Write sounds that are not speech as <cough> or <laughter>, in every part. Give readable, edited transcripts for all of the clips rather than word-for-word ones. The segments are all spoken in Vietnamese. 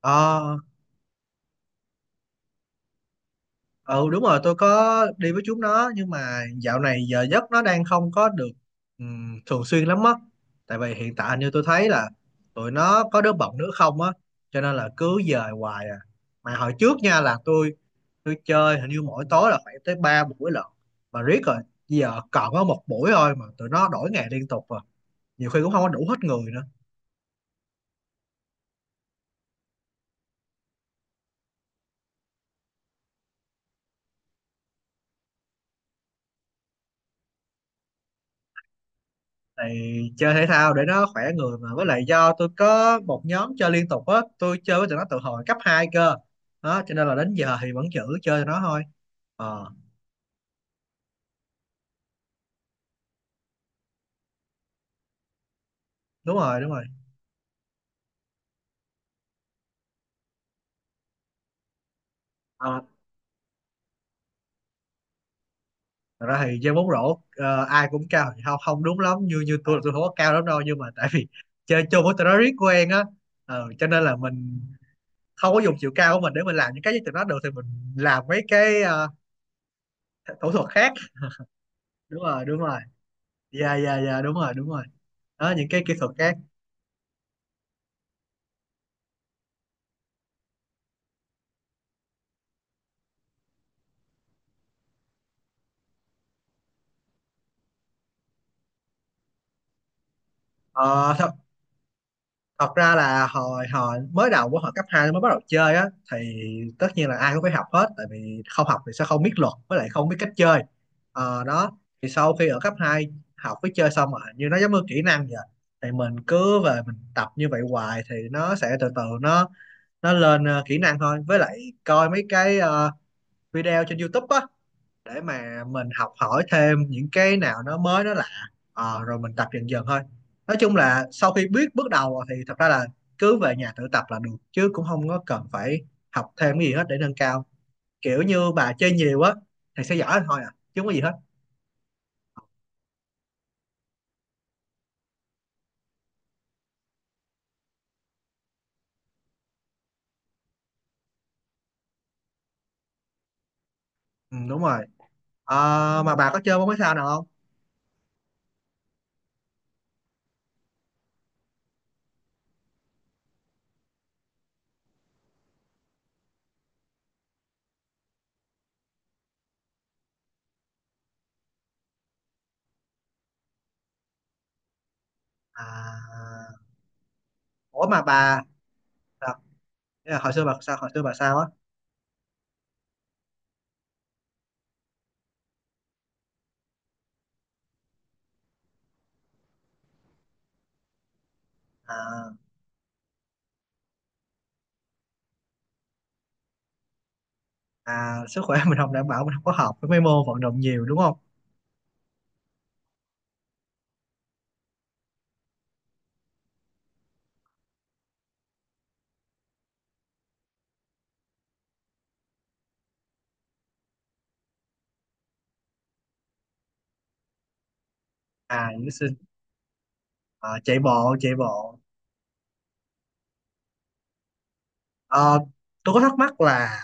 Ờ, ừ đúng rồi, tôi có đi với chúng nó, nhưng mà dạo này giờ giấc nó đang không có được thường xuyên lắm á. Tại vì hiện tại như tôi thấy là tụi nó có đứa bận nữa không á, cho nên là cứ dời hoài à. Mà hồi trước nha là tôi chơi hình như mỗi tối là phải tới ba buổi lận, mà riết rồi giờ còn có một buổi thôi, mà tụi nó đổi ngày liên tục rồi, nhiều khi cũng không có đủ hết người nữa. Thì chơi thể thao để nó khỏe người, mà với lại do tôi có một nhóm chơi liên tục á, tôi chơi với tụi nó từ hồi cấp 2 cơ. Đó cho nên là đến giờ thì vẫn giữ chơi tụi nó thôi. Ờ. Đúng rồi, đúng rồi. Ờ, thật ra thì chơi bóng rổ ai cũng cao thì không không đúng lắm, như như tôi là tôi không có cao lắm đâu, nhưng mà tại vì <laughs> chơi chung với tụi nó riết quen á. Cho nên là mình không có dùng chiều cao của mình để mình làm những cái với tụi nó được, thì mình làm mấy cái thủ thuật khác. Đúng rồi, đúng rồi. Dạ, dạ, dạ, đúng rồi, đúng rồi. Đó, những cái kỹ thuật khác. Ờ, thật thật ra là hồi hồi mới đầu của hồi cấp 2 mới bắt đầu chơi á, thì tất nhiên là ai cũng phải học hết, tại vì không học thì sẽ không biết luật, với lại không biết cách chơi. Ờ, đó. Thì sau khi ở cấp 2 học với chơi xong rồi, như nó giống như kỹ năng vậy, thì mình cứ về mình tập như vậy hoài thì nó sẽ từ từ nó lên kỹ năng thôi, với lại coi mấy cái video trên YouTube á, để mà mình học hỏi thêm những cái nào nó mới nó lạ. Ờ, rồi mình tập dần dần thôi. Nói chung là sau khi biết bước đầu thì thật ra là cứ về nhà tự tập là được, chứ cũng không có cần phải học thêm cái gì hết để nâng cao. Kiểu như bà chơi nhiều á thì sẽ giỏi thôi à, chứ không có gì hết. Ừ, đúng rồi. Ờ, mà bà có chơi bóng mấy sao nào không? À, ủa mà bà sao? Ý là hồi xưa bà sao, hồi xưa bà sao á. à, À, sức khỏe <laughs> mình không đảm bảo, mình không có hợp với mấy môn vận động nhiều đúng không. À. Ờ, chạy bộ, chạy bộ. Ờ, tôi có thắc mắc là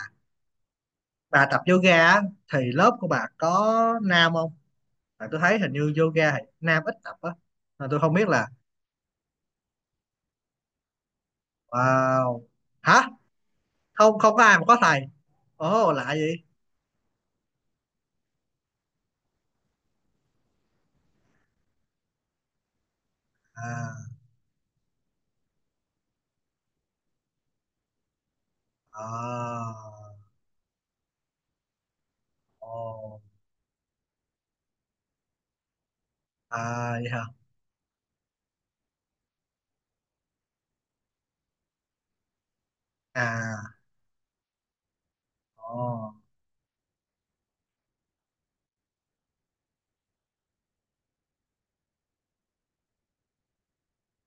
bà tập yoga á, thì lớp của bà có nam không? Tại tôi thấy hình như yoga thì nam ít tập á, mà tôi không biết là. Wow. Hả? Không, không có ai mà có thầy? Ồ, lạ vậy. À. Ờ. Ồ. À, vậy hả. À. Ồ.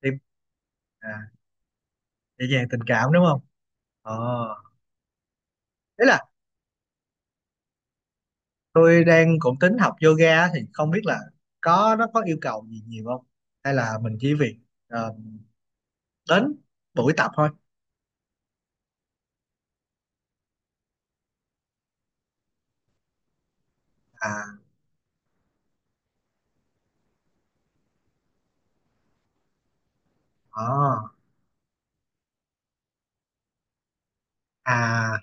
Tiếp. À, dễ dàng tình cảm đúng không. ờ Thế là tôi đang cũng tính học yoga thì không biết là nó có yêu cầu gì nhiều không, hay là mình chỉ việc ờ, đến buổi tập thôi. à à, À,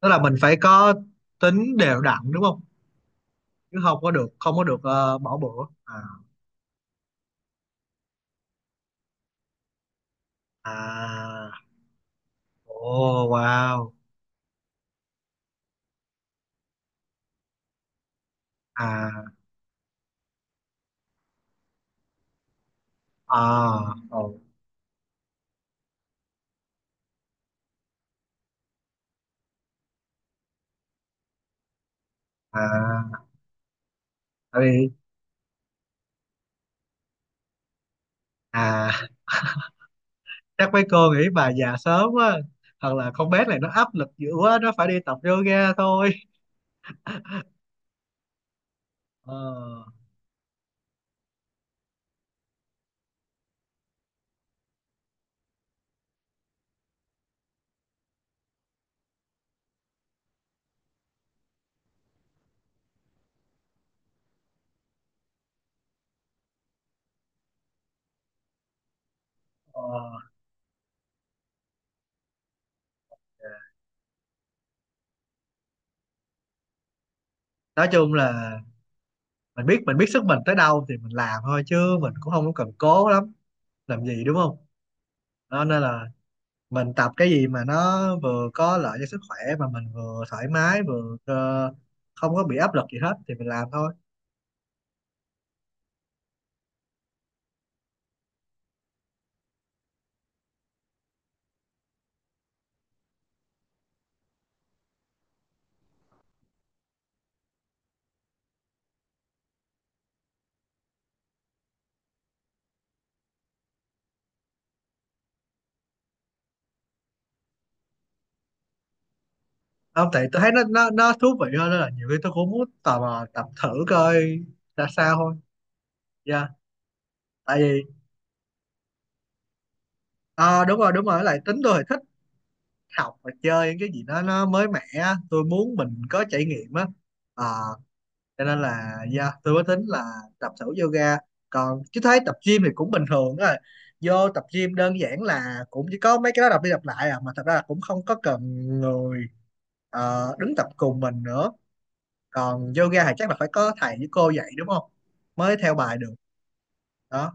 tức là mình phải có tính đều đặn đúng không? Chứ không có được bỏ bữa à. À. Oh wow. à à oh. À, tại vì. À, chắc mấy cô nghĩ bà già sớm quá, hoặc là con bé này nó áp lực dữ quá nó phải đi tập yoga thôi. Ờ, ờ. Nói chung là mình biết sức mình tới đâu thì mình làm thôi, chứ mình cũng không có cần cố lắm làm gì đúng không. Đó, nên là mình tập cái gì mà nó vừa có lợi cho sức khỏe, mà mình vừa thoải mái vừa không có bị áp lực gì hết, thì mình làm thôi. Không, tại tôi thấy nó thú vị hơn, nên là nhiều khi tôi cũng muốn tò mò tập thử coi ra sao thôi. Dạ. Tại vì ờ, đúng rồi, đúng rồi. Với lại tính tôi thì thích học và chơi những cái gì đó nó mới mẻ á. Tôi muốn mình có trải nghiệm á. Ờ, cho nên là yeah, tôi mới tính là tập thử yoga. Còn chứ thấy tập gym thì cũng bình thường thôi, vô tập gym đơn giản là cũng chỉ có mấy cái đó đọc đi đọc lại à, mà thật ra là cũng không có cần người đứng tập cùng mình nữa. Còn yoga thì chắc là phải có thầy với cô dạy đúng không, mới theo bài được. Đó,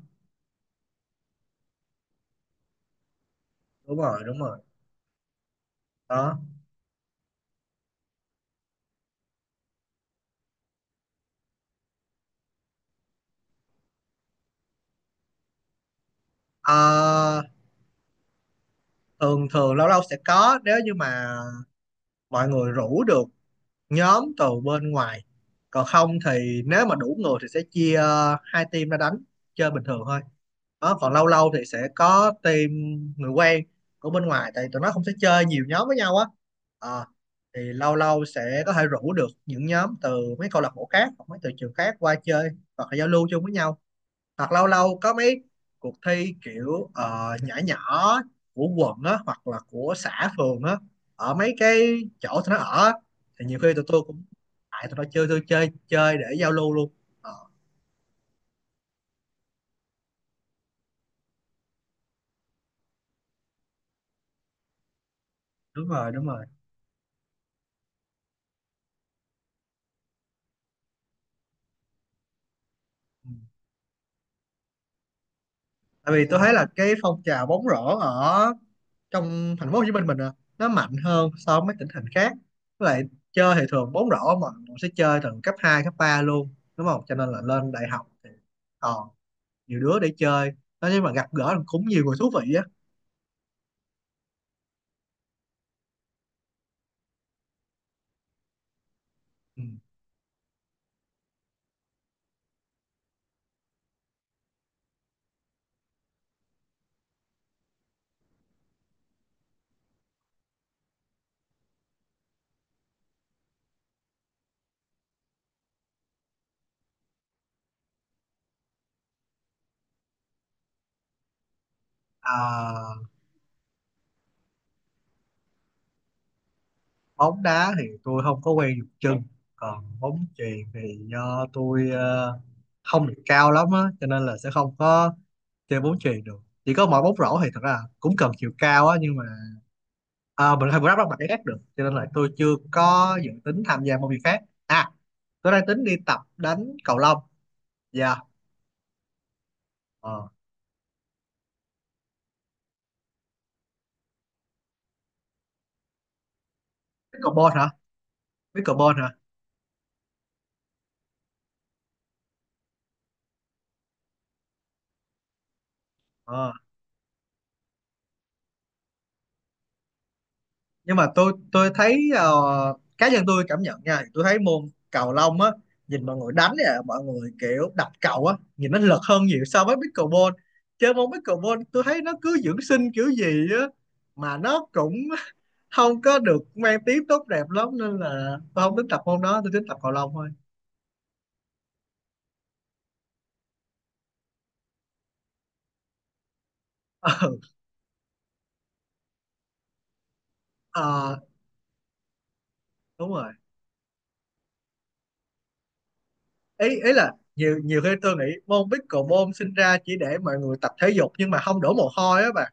đúng rồi, đúng rồi, đó. Ờ, thường thường lâu lâu sẽ có, nếu như mà mọi người rủ được nhóm từ bên ngoài. Còn không thì nếu mà đủ người thì sẽ chia hai team ra đánh chơi bình thường thôi. Đó, còn lâu lâu thì sẽ có team người quen của bên ngoài, tại tụi nó không sẽ chơi nhiều nhóm với nhau á. Ờ, thì lâu lâu sẽ có thể rủ được những nhóm từ mấy câu lạc bộ khác, hoặc mấy từ trường khác qua chơi, hoặc là giao lưu chung với nhau, hoặc lâu lâu có mấy cuộc thi kiểu nhỏ nhỏ của quận á, hoặc là của xã phường á, ở mấy cái chỗ tụi nó ở á, thì nhiều khi tụi tôi cũng tại tụi nó chơi, tôi chơi chơi để giao lưu luôn. Ờ, đúng rồi, đúng rồi. Ừ. Tại vì tôi thấy là cái phong trào bóng rổ ở trong thành phố Hồ Chí Minh mình à, nó mạnh hơn so với mấy tỉnh thành khác, với lại chơi thì thường bóng rổ mà mình sẽ chơi từ cấp 2 cấp 3 luôn đúng không, cho nên là lên đại học thì ờ nhiều đứa để chơi. Nói chung là gặp gỡ cũng nhiều người thú vị á. Ừ. À, bóng đá thì tôi không có quen dùng chân, còn bóng chuyền thì do tôi không được cao lắm á, cho nên là sẽ không có chơi bóng chuyền được. Chỉ có mỗi bóng rổ thì thật ra cũng cần chiều cao á, nhưng mà à, mình không có đáp mặt cái khác được, cho nên là tôi chưa có dự tính tham gia môn việc khác. À, tôi đang tính đi tập đánh cầu lông. Dạ. ờ Pickleball hả? Pickleball hả? ờ nhưng mà tôi thấy cá nhân tôi cảm nhận nha, tôi thấy môn cầu lông á, nhìn mọi người đánh nè, mọi người kiểu đập cầu á, nhìn nó lật hơn nhiều so với pickleball. Chơi môn pickleball tôi thấy nó cứ dưỡng sinh kiểu gì á, mà nó cũng <laughs> không có được mang tiếng tốt đẹp lắm, nên là tôi không tính tập môn đó, tôi tính tập cầu lông thôi. <laughs> Ừ, ờ, đúng rồi. Ý ý là nhiều nhiều khi tôi nghĩ môn pickleball sinh ra chỉ để mọi người tập thể dục nhưng mà không đổ mồ hôi á bà.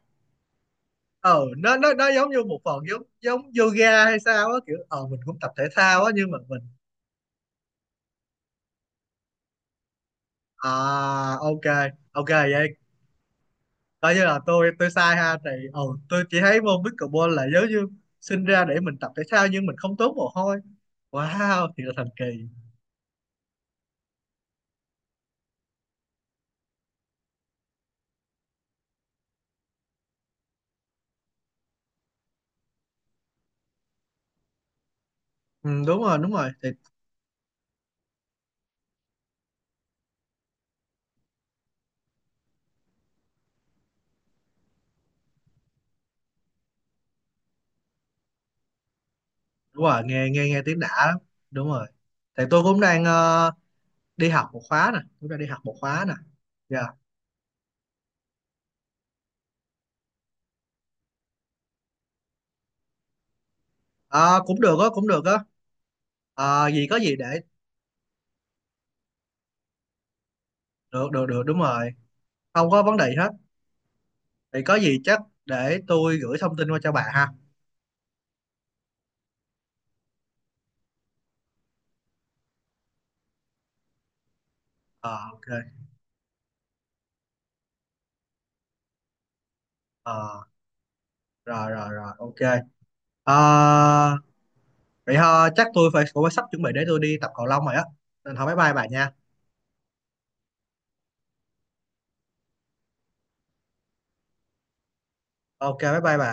Nó giống như một phần giống giống yoga hay sao á, kiểu mình cũng tập thể thao á nhưng mà mình. À, ok. Ok vậy, coi như là tôi sai ha thì tôi chỉ thấy môn pickleball là giống như sinh ra để mình tập thể thao nhưng mình không tốn mồ hôi. Wow, thì là thần kỳ. Ừ, đúng rồi, đúng rồi, thì đúng rồi. Nghe nghe nghe tiếng đã lắm, đúng rồi, thì tôi cũng đang đi học một khóa nè, cũng đang đi học một khóa nè dạ Ờ, cũng được á, cũng được á. Ờ, gì có gì để. Được, được, được, đúng rồi, không có vấn đề gì hết. Thì có gì chắc để tôi gửi thông tin qua cho bạn ha. Ờ, ok. Ờ, rồi, rồi, rồi, ok. ờ Vậy thôi chắc tôi phải cũng phải sắp chuẩn bị để tôi đi tập cầu lông rồi á, nên thôi bye bye bà nha. Ok, bye bye bà.